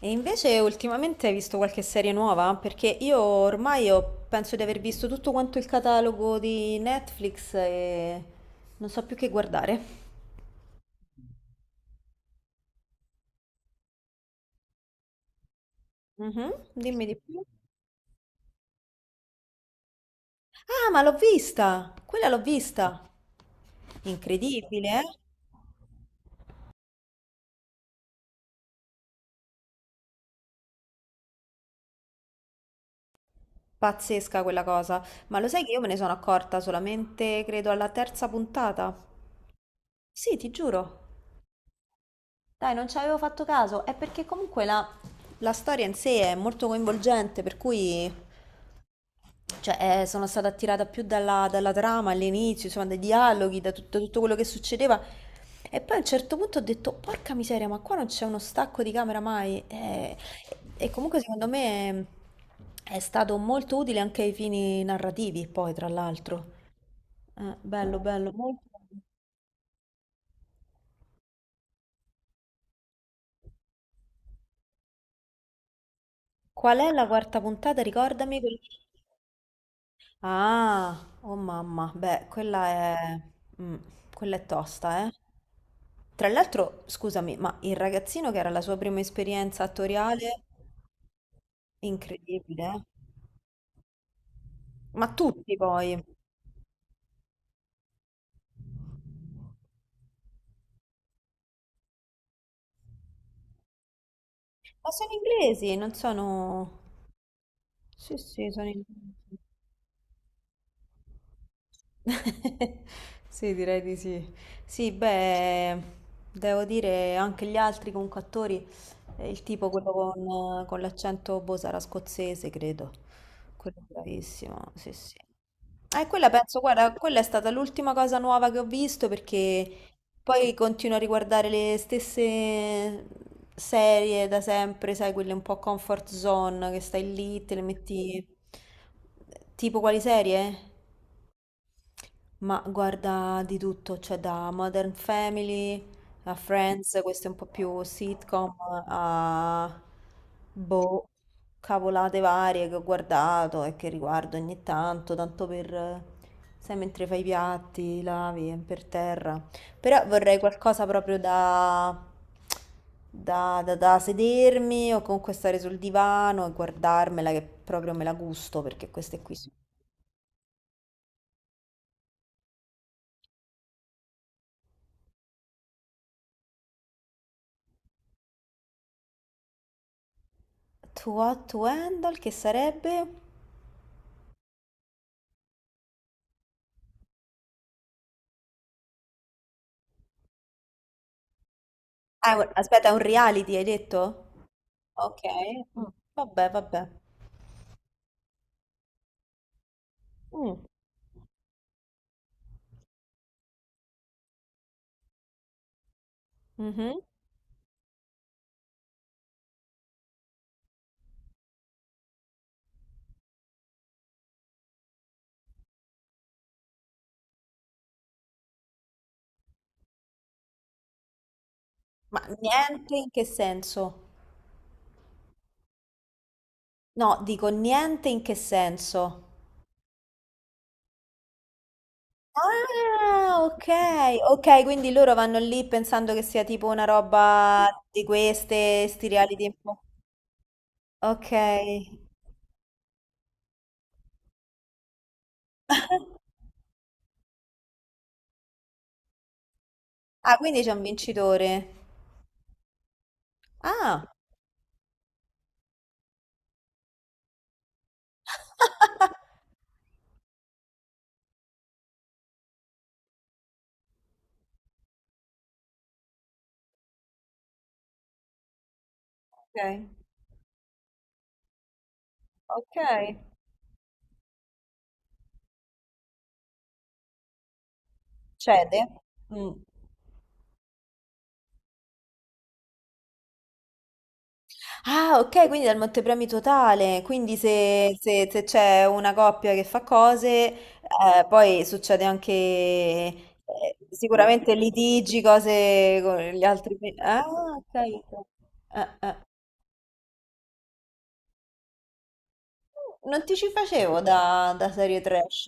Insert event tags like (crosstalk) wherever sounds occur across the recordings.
E invece ultimamente hai visto qualche serie nuova? Perché io ormai penso di aver visto tutto quanto il catalogo di Netflix e non so più che guardare. Mhm, dimmi di più. Ah, ma l'ho vista! Quella l'ho vista! Incredibile, eh? Pazzesca quella cosa. Ma lo sai che io me ne sono accorta solamente, credo, alla terza puntata? Sì, ti giuro. Dai, non ci avevo fatto caso. È perché comunque la storia in sé è molto coinvolgente, per cui... Cioè, sono stata attirata più dalla trama all'inizio, insomma, dai dialoghi, da tutto, tutto quello che succedeva. E poi a un certo punto ho detto, porca miseria, ma qua non c'è uno stacco di camera mai. Comunque secondo me è stato molto utile anche ai fini narrativi, poi, tra l'altro. Bello, bello, molto bello. Qual è la quarta puntata? Ricordami. Ah, oh mamma, beh, quella è... mm, quella è tosta, eh. Tra l'altro, scusami, ma il ragazzino che era la sua prima esperienza attoriale, incredibile, eh. Ma tutti poi. Ma sono inglesi, non sono... Sì, sì, sono inglesi. (laughs) Sì, direi di sì. Sì, beh, devo dire anche gli altri comunque attori, il tipo quello con l'accento boh sarà scozzese, credo. Quello è bravissimo, sì, sì. Quella penso, guarda, quella è stata l'ultima cosa nuova che ho visto perché poi continuo a riguardare le stesse serie da sempre, sai, quelle un po' comfort zone, che stai lì, te le metti... Tipo quali serie? Ma guarda di tutto, cioè da Modern Family a Friends, questo è un po' più sitcom, a boh, cavolate varie che ho guardato e che riguardo ogni tanto, tanto per, sai, mentre fai i piatti, lavi, è per terra. Però vorrei qualcosa proprio da, da sedermi o comunque stare sul divano e guardarmela che proprio me la gusto perché queste qui sono... To What to Handle, che sarebbe? Ah, è un- aspetta, è un reality, hai detto? Ok, mm, vabbè, vabbè. Mm, mhm. Ma niente in che senso? No, dico niente in che senso? Ah, ok, ok, quindi loro vanno lì pensando che sia tipo una roba di queste, sti reality un po'. Ok. Ah, quindi c'è un vincitore. Ah. (laughs) Ok, ok. Cede. Mm. Ah, ok, quindi dal montepremi totale. Quindi se c'è una coppia che fa cose, poi succede anche sicuramente litigi, cose con gli altri. Ah, ok. Ok. Eh. Non ti ci facevo da serie trash.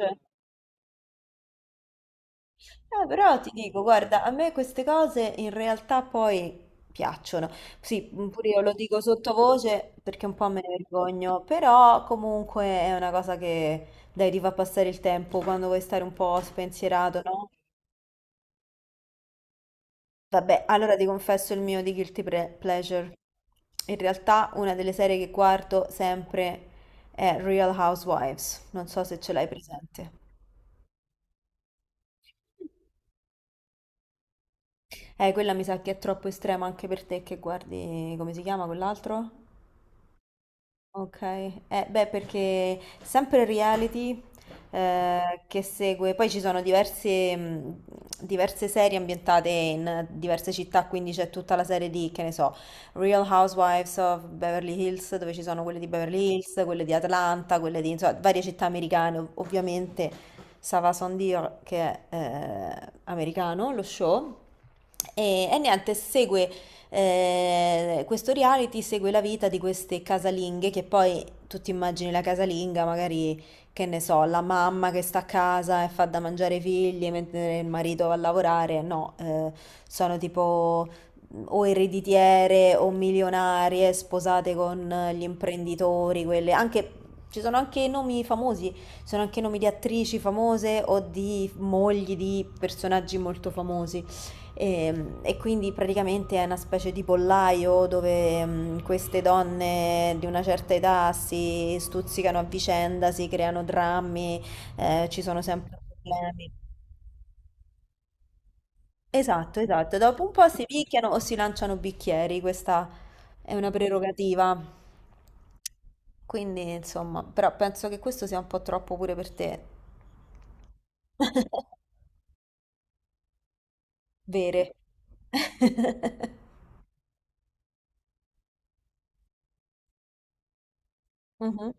Però ti dico, guarda, a me queste cose in realtà poi piacciono. Sì, pure io lo dico sottovoce perché un po' me ne vergogno, però comunque è una cosa che dai, ti fa passare il tempo quando vuoi stare un po' spensierato, no? Vabbè, allora ti confesso il mio di pleasure. In realtà una delle serie che guardo sempre è Real Housewives, non so se ce l'hai presente. Quella mi sa che è troppo estrema anche per te che guardi, come si chiama quell'altro? Okay, eh beh perché sempre il reality, ehm, che segue poi ci sono diverse mhmm, diverse serie ambientate in diverse città, quindi c'è tutta la serie di, che ne so, Real Housewives of Beverly Hills, dove ci sono quelle di Beverly Hills, quelle di Atlanta, quelle di insomma varie città americane, ov ovviamente ça va sans dire che è, americano lo show. E niente, segue questo reality segue la vita di queste casalinghe che poi tu ti immagini la casalinga, magari che ne so, la mamma che sta a casa e fa da mangiare i figli mentre il marito va a lavorare. No, sono tipo o ereditiere o milionarie sposate con gli imprenditori, quelle anche. Ci sono anche nomi famosi, ci sono anche nomi di attrici famose o di mogli di personaggi molto famosi. E quindi praticamente è una specie di pollaio dove, mhmm, queste donne di una certa età si stuzzicano a vicenda, si creano drammi, ci sono sempre problemi. Esatto, esatto. Dopo un po' si picchiano o si lanciano bicchieri, questa è una prerogativa. Quindi, insomma, però penso che questo sia un po' troppo pure per te. Vere. (laughs) Mh-mh.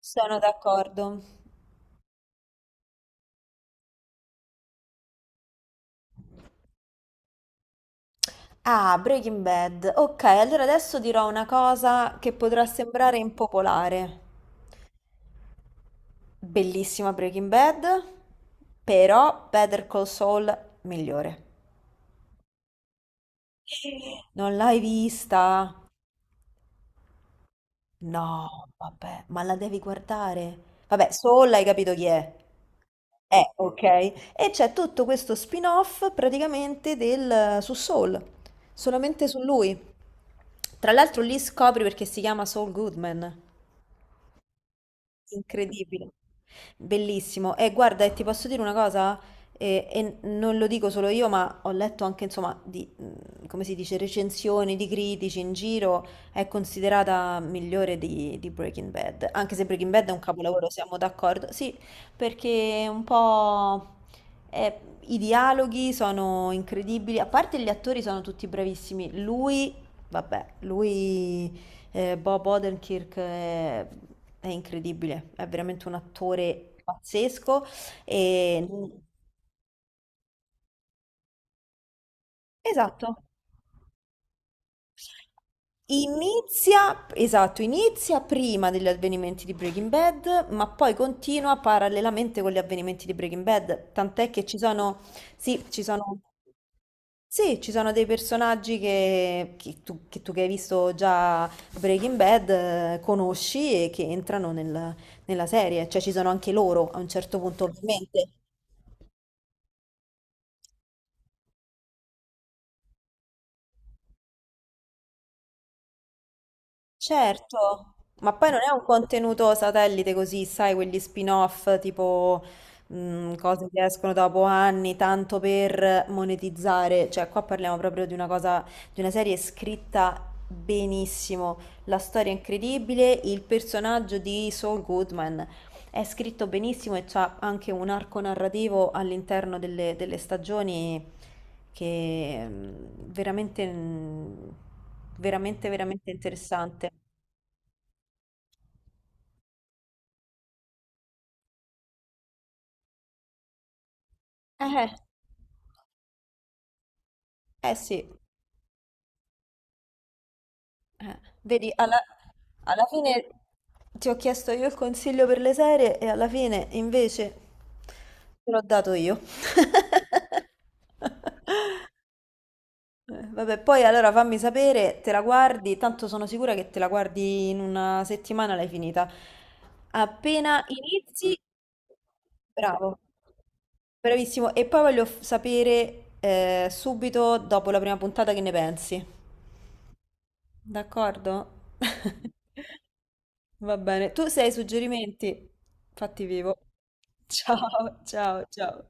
Sono d'accordo. Ah, Breaking Bad. Ok, allora adesso dirò una cosa che potrà sembrare impopolare. Bellissima Breaking Bad, però Better Call Saul migliore. Non l'hai vista? No, vabbè, ma la devi guardare. Vabbè, Saul hai capito chi è. Ok. E c'è tutto questo spin-off praticamente del, su Saul, solamente su lui. Tra l'altro lì scopri perché si chiama Saul Goodman. Incredibile, bellissimo. E guarda, e ti posso dire una cosa? E non lo dico solo io, ma ho letto anche, insomma, di, come si dice, recensioni di critici in giro, è considerata migliore di Breaking Bad. Anche se Breaking Bad è un capolavoro, siamo d'accordo. Sì, perché un po' è- i dialoghi sono incredibili, a parte gli attori sono tutti bravissimi. Lui, vabbè, lui Bob Odenkirk è incredibile, è veramente un attore pazzesco. E... Esatto. Inizia, esatto, inizia prima degli avvenimenti di Breaking Bad, ma poi continua parallelamente con gli avvenimenti di Breaking Bad, tant'è che ci sono, sì, ci sono. Sì, ci sono dei personaggi che, che tu che hai visto già Breaking Bad conosci e che entrano nella serie, cioè ci sono anche loro a un certo punto, ovviamente. Certo, ma poi non è un contenuto satellite così, sai, quegli spin-off tipo cose che escono dopo anni, tanto per monetizzare, cioè qua parliamo proprio di una cosa, di una serie scritta benissimo, la storia è incredibile, il personaggio di Saul Goodman è scritto benissimo e c'ha anche un arco narrativo all'interno delle stagioni che veramente, veramente, veramente interessante. Eh, eh sì, eh. Vedi, alla fine ti ho chiesto io il consiglio per le serie e alla fine invece te l'ho dato io. (laughs) Vabbè, poi allora fammi sapere, te la guardi, tanto sono sicura che te la guardi in una settimana l'hai finita. Appena inizi, bravo, bravissimo. E poi voglio sapere subito dopo la prima puntata che ne pensi. D'accordo? (laughs) Va bene. Tu se hai suggerimenti, fatti vivo. Ciao, ciao, ciao.